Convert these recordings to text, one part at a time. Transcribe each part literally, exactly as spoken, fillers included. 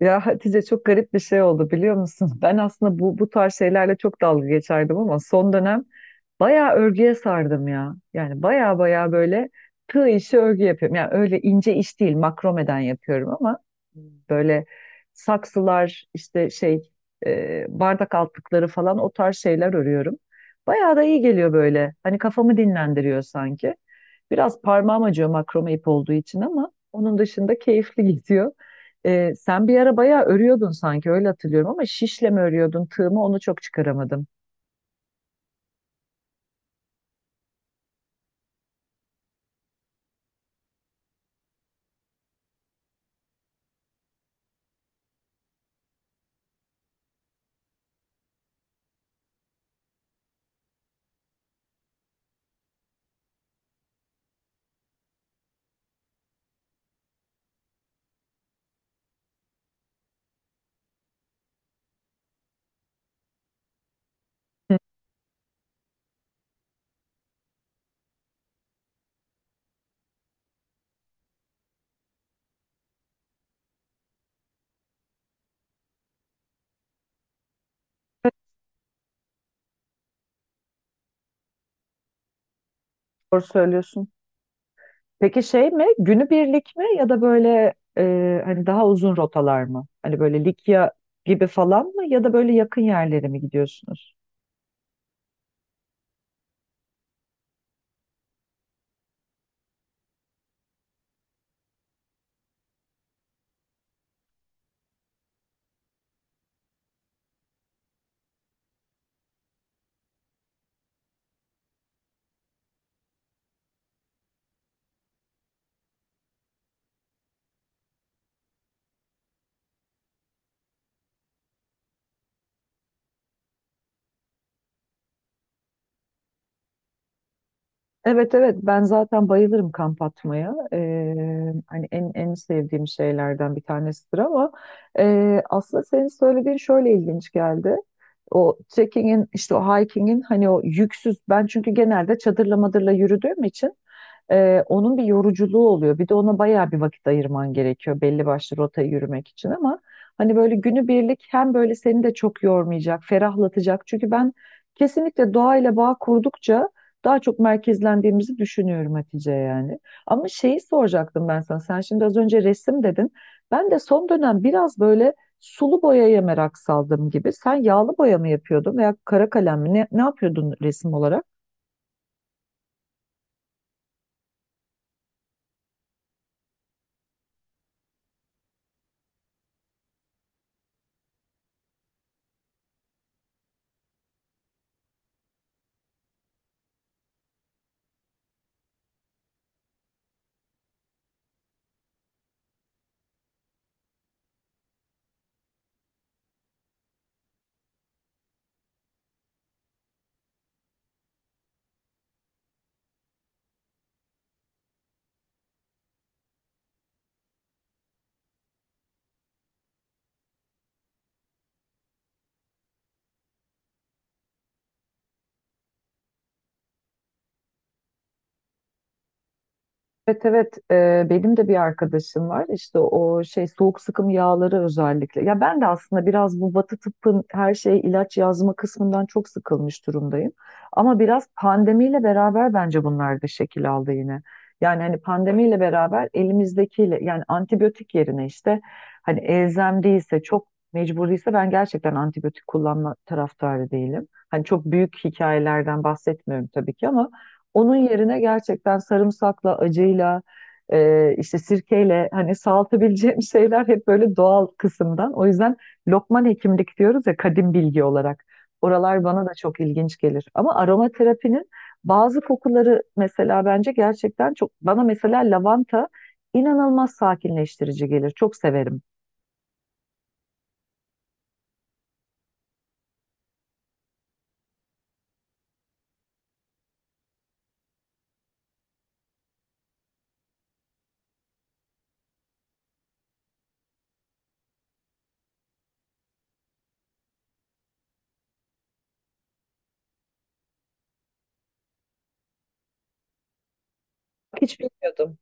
Ya Hatice, çok garip bir şey oldu biliyor musun? Ben aslında bu bu tarz şeylerle çok dalga geçerdim ama son dönem bayağı örgüye sardım ya. Yani bayağı bayağı böyle tığ işi örgü yapıyorum. Yani öyle ince iş değil, makromeden yapıyorum ama böyle saksılar işte şey e, bardak altlıkları falan o tarz şeyler örüyorum. Bayağı da iyi geliyor böyle. Hani kafamı dinlendiriyor sanki. Biraz parmağım acıyor makrome ip olduğu için ama onun dışında keyifli gidiyor. Ee, sen bir ara bayağı örüyordun sanki, öyle hatırlıyorum ama şişle mi örüyordun tığ mı onu çok çıkaramadım. Hı. Doğru söylüyorsun. Peki şey mi, günübirlik mi ya da böyle e, hani daha uzun rotalar mı? Hani böyle Likya gibi falan mı ya da böyle yakın yerlere mi gidiyorsunuz? Evet, evet, ben zaten bayılırım kamp atmaya. Ee, hani en en sevdiğim şeylerden bir tanesidir ama e, aslında senin söylediğin şöyle ilginç geldi. O trekkingin işte o hikingin hani o yüksüz, ben çünkü genelde çadırla madırla yürüdüğüm için ee, onun bir yoruculuğu oluyor. Bir de ona bayağı bir vakit ayırman gerekiyor belli başlı rotayı yürümek için, ama hani böyle günübirlik hem böyle seni de çok yormayacak, ferahlatacak. Çünkü ben kesinlikle doğayla bağ kurdukça daha çok merkezlendiğimizi düşünüyorum Hatice, yani. Ama şeyi soracaktım ben sana. Sen şimdi az önce resim dedin. Ben de son dönem biraz böyle sulu boyaya merak saldım gibi. Sen yağlı boya mı yapıyordun veya kara kalem mi? Ne, ne yapıyordun resim olarak? Evet, evet. Ee, benim de bir arkadaşım var işte o şey, soğuk sıkım yağları özellikle, ya ben de aslında biraz bu Batı tıbbın her şey ilaç yazma kısmından çok sıkılmış durumdayım, ama biraz pandemiyle beraber bence bunlar da şekil aldı yine. Yani hani pandemiyle beraber elimizdekiyle, yani antibiyotik yerine işte hani elzem değilse, çok mecburiyse, ben gerçekten antibiyotik kullanma taraftarı değilim. Hani çok büyük hikayelerden bahsetmiyorum tabii ki, ama onun yerine gerçekten sarımsakla, acıyla, e, işte sirkeyle, hani salatabileceğim şeyler, hep böyle doğal kısımdan. O yüzden Lokman hekimlik diyoruz ya, kadim bilgi olarak. Oralar bana da çok ilginç gelir. Ama aromaterapinin bazı kokuları mesela bence gerçekten çok, bana mesela lavanta inanılmaz sakinleştirici gelir. Çok severim. Hiç bilmiyordum.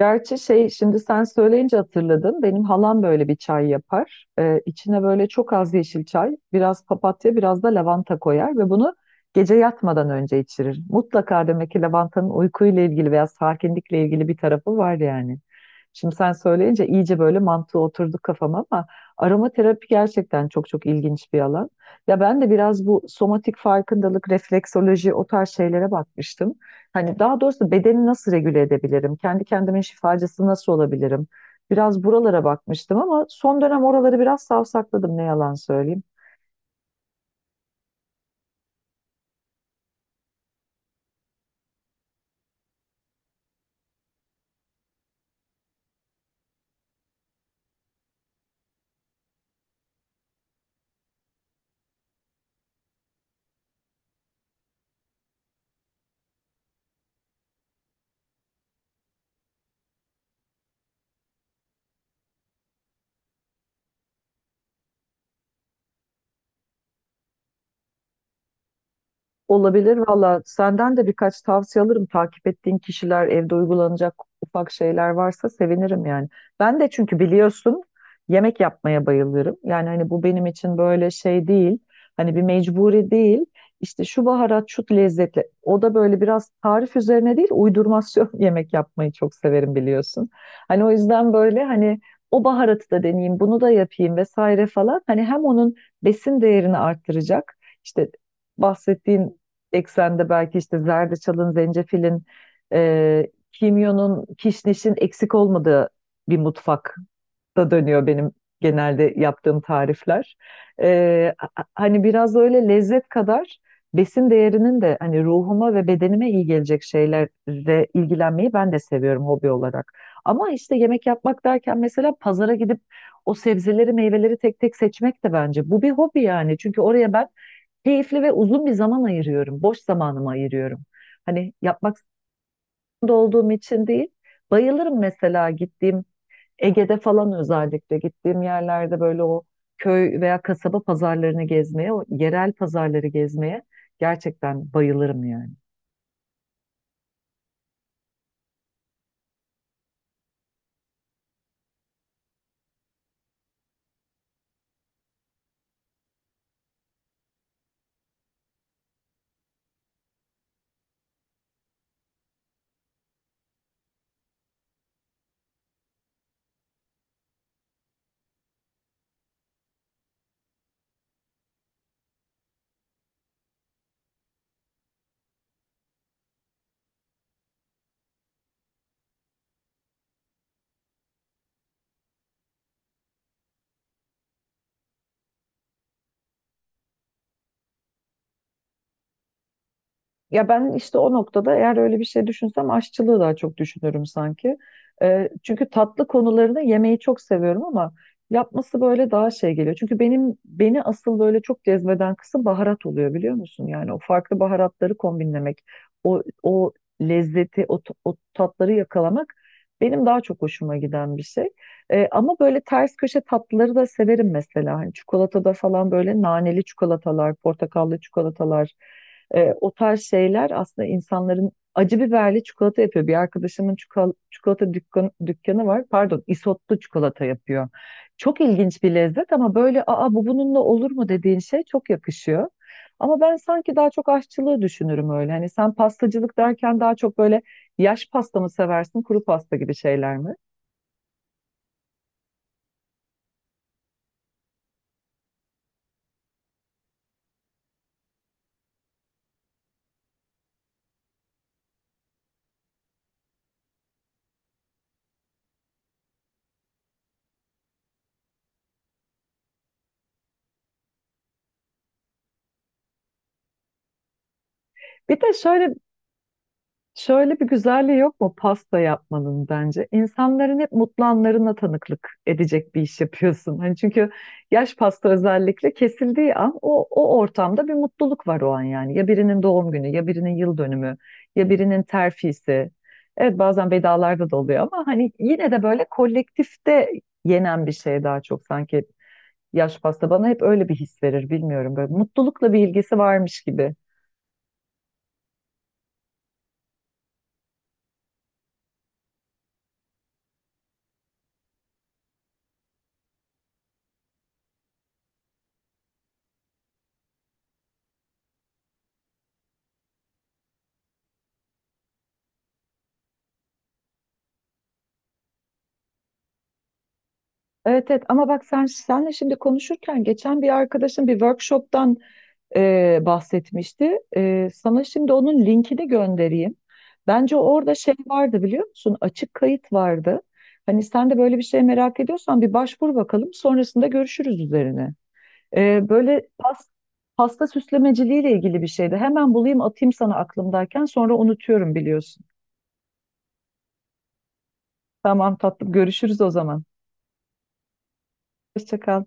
Gerçi şey, şimdi sen söyleyince hatırladım. Benim halam böyle bir çay yapar. Ee, içine böyle çok az yeşil çay, biraz papatya, biraz da lavanta koyar ve bunu gece yatmadan önce içirir. Mutlaka demek ki lavantanın uykuyla ilgili veya sakinlikle ilgili bir tarafı var yani. Şimdi sen söyleyince iyice böyle mantığı oturdu kafama, ama aromaterapi gerçekten çok çok ilginç bir alan. Ya ben de biraz bu somatik farkındalık, refleksoloji, o tarz şeylere bakmıştım. Hani daha doğrusu bedeni nasıl regüle edebilirim? Kendi kendimin şifacısı nasıl olabilirim? Biraz buralara bakmıştım ama son dönem oraları biraz savsakladım, ne yalan söyleyeyim. Olabilir valla. Senden de birkaç tavsiye alırım. Takip ettiğin kişiler, evde uygulanacak ufak şeyler varsa sevinirim yani. Ben de çünkü biliyorsun yemek yapmaya bayılırım. Yani hani bu benim için böyle şey değil. Hani bir mecburi değil. İşte şu baharat, şu lezzetle. O da böyle biraz tarif üzerine değil, uydurmasyon yemek yapmayı çok severim biliyorsun. Hani o yüzden böyle hani o baharatı da deneyeyim, bunu da yapayım vesaire falan. Hani hem onun besin değerini arttıracak. İşte bahsettiğin eksende belki işte zerdeçalın, zencefilin, e, kimyonun, kişnişin eksik olmadığı bir mutfakta dönüyor benim genelde yaptığım tarifler. E, a- a- hani biraz da öyle lezzet kadar besin değerinin de hani ruhuma ve bedenime iyi gelecek şeylerle ilgilenmeyi ben de seviyorum, hobi olarak. Ama işte yemek yapmak derken mesela pazara gidip o sebzeleri, meyveleri tek tek seçmek de bence bu bir hobi yani. Çünkü oraya ben keyifli ve uzun bir zaman ayırıyorum. Boş zamanımı ayırıyorum. Hani yapmak zorunda olduğum için değil. Bayılırım mesela, gittiğim Ege'de falan özellikle gittiğim yerlerde böyle o köy veya kasaba pazarlarını gezmeye, o yerel pazarları gezmeye gerçekten bayılırım yani. Ya ben işte o noktada eğer öyle bir şey düşünsem aşçılığı daha çok düşünürüm sanki. Ee, çünkü tatlı konularını yemeyi çok seviyorum ama yapması böyle daha şey geliyor. Çünkü benim, beni asıl böyle çok cezbeden kısım baharat oluyor biliyor musun? Yani o farklı baharatları kombinlemek, o o lezzeti, o, t- o tatları yakalamak benim daha çok hoşuma giden bir şey. Ee, ama böyle ters köşe tatlıları da severim mesela. Hani çikolatada falan böyle naneli çikolatalar, portakallı çikolatalar. E, o tarz şeyler aslında, insanların acı biberli çikolata yapıyor. Bir arkadaşımın çikolata, çikolata dükkan, dükkanı var. Pardon, isotlu çikolata yapıyor. Çok ilginç bir lezzet ama böyle aa, bu bununla olur mu dediğin şey çok yakışıyor. Ama ben sanki daha çok aşçılığı düşünürüm öyle. Hani sen pastacılık derken daha çok böyle yaş pasta mı seversin, kuru pasta gibi şeyler mi? Bir de şöyle Şöyle bir güzelliği yok mu pasta yapmanın, bence? İnsanların hep mutlu anlarına tanıklık edecek bir iş yapıyorsun. Hani çünkü yaş pasta özellikle kesildiği an o, o ortamda bir mutluluk var o an yani. Ya birinin doğum günü, ya birinin yıl dönümü, ya birinin terfisi. Evet, bazen vedalarda da oluyor ama hani yine de böyle kolektifte yenen bir şey daha çok sanki yaş pasta. Bana hep öyle bir his verir, bilmiyorum, böyle mutlulukla bir ilgisi varmış gibi. Evet, evet, ama bak sen, senle şimdi konuşurken geçen bir arkadaşım bir workshop'tan e, bahsetmişti. E, sana şimdi onun linkini göndereyim. Bence orada şey vardı, biliyor musun? Açık kayıt vardı. Hani sen de böyle bir şey merak ediyorsan bir başvur bakalım. Sonrasında görüşürüz üzerine. E, böyle pas, pasta süslemeciliğiyle ilgili bir şeydi. Hemen bulayım atayım sana aklımdayken, sonra unutuyorum biliyorsun. Tamam tatlım, görüşürüz o zaman. Hoşça kal.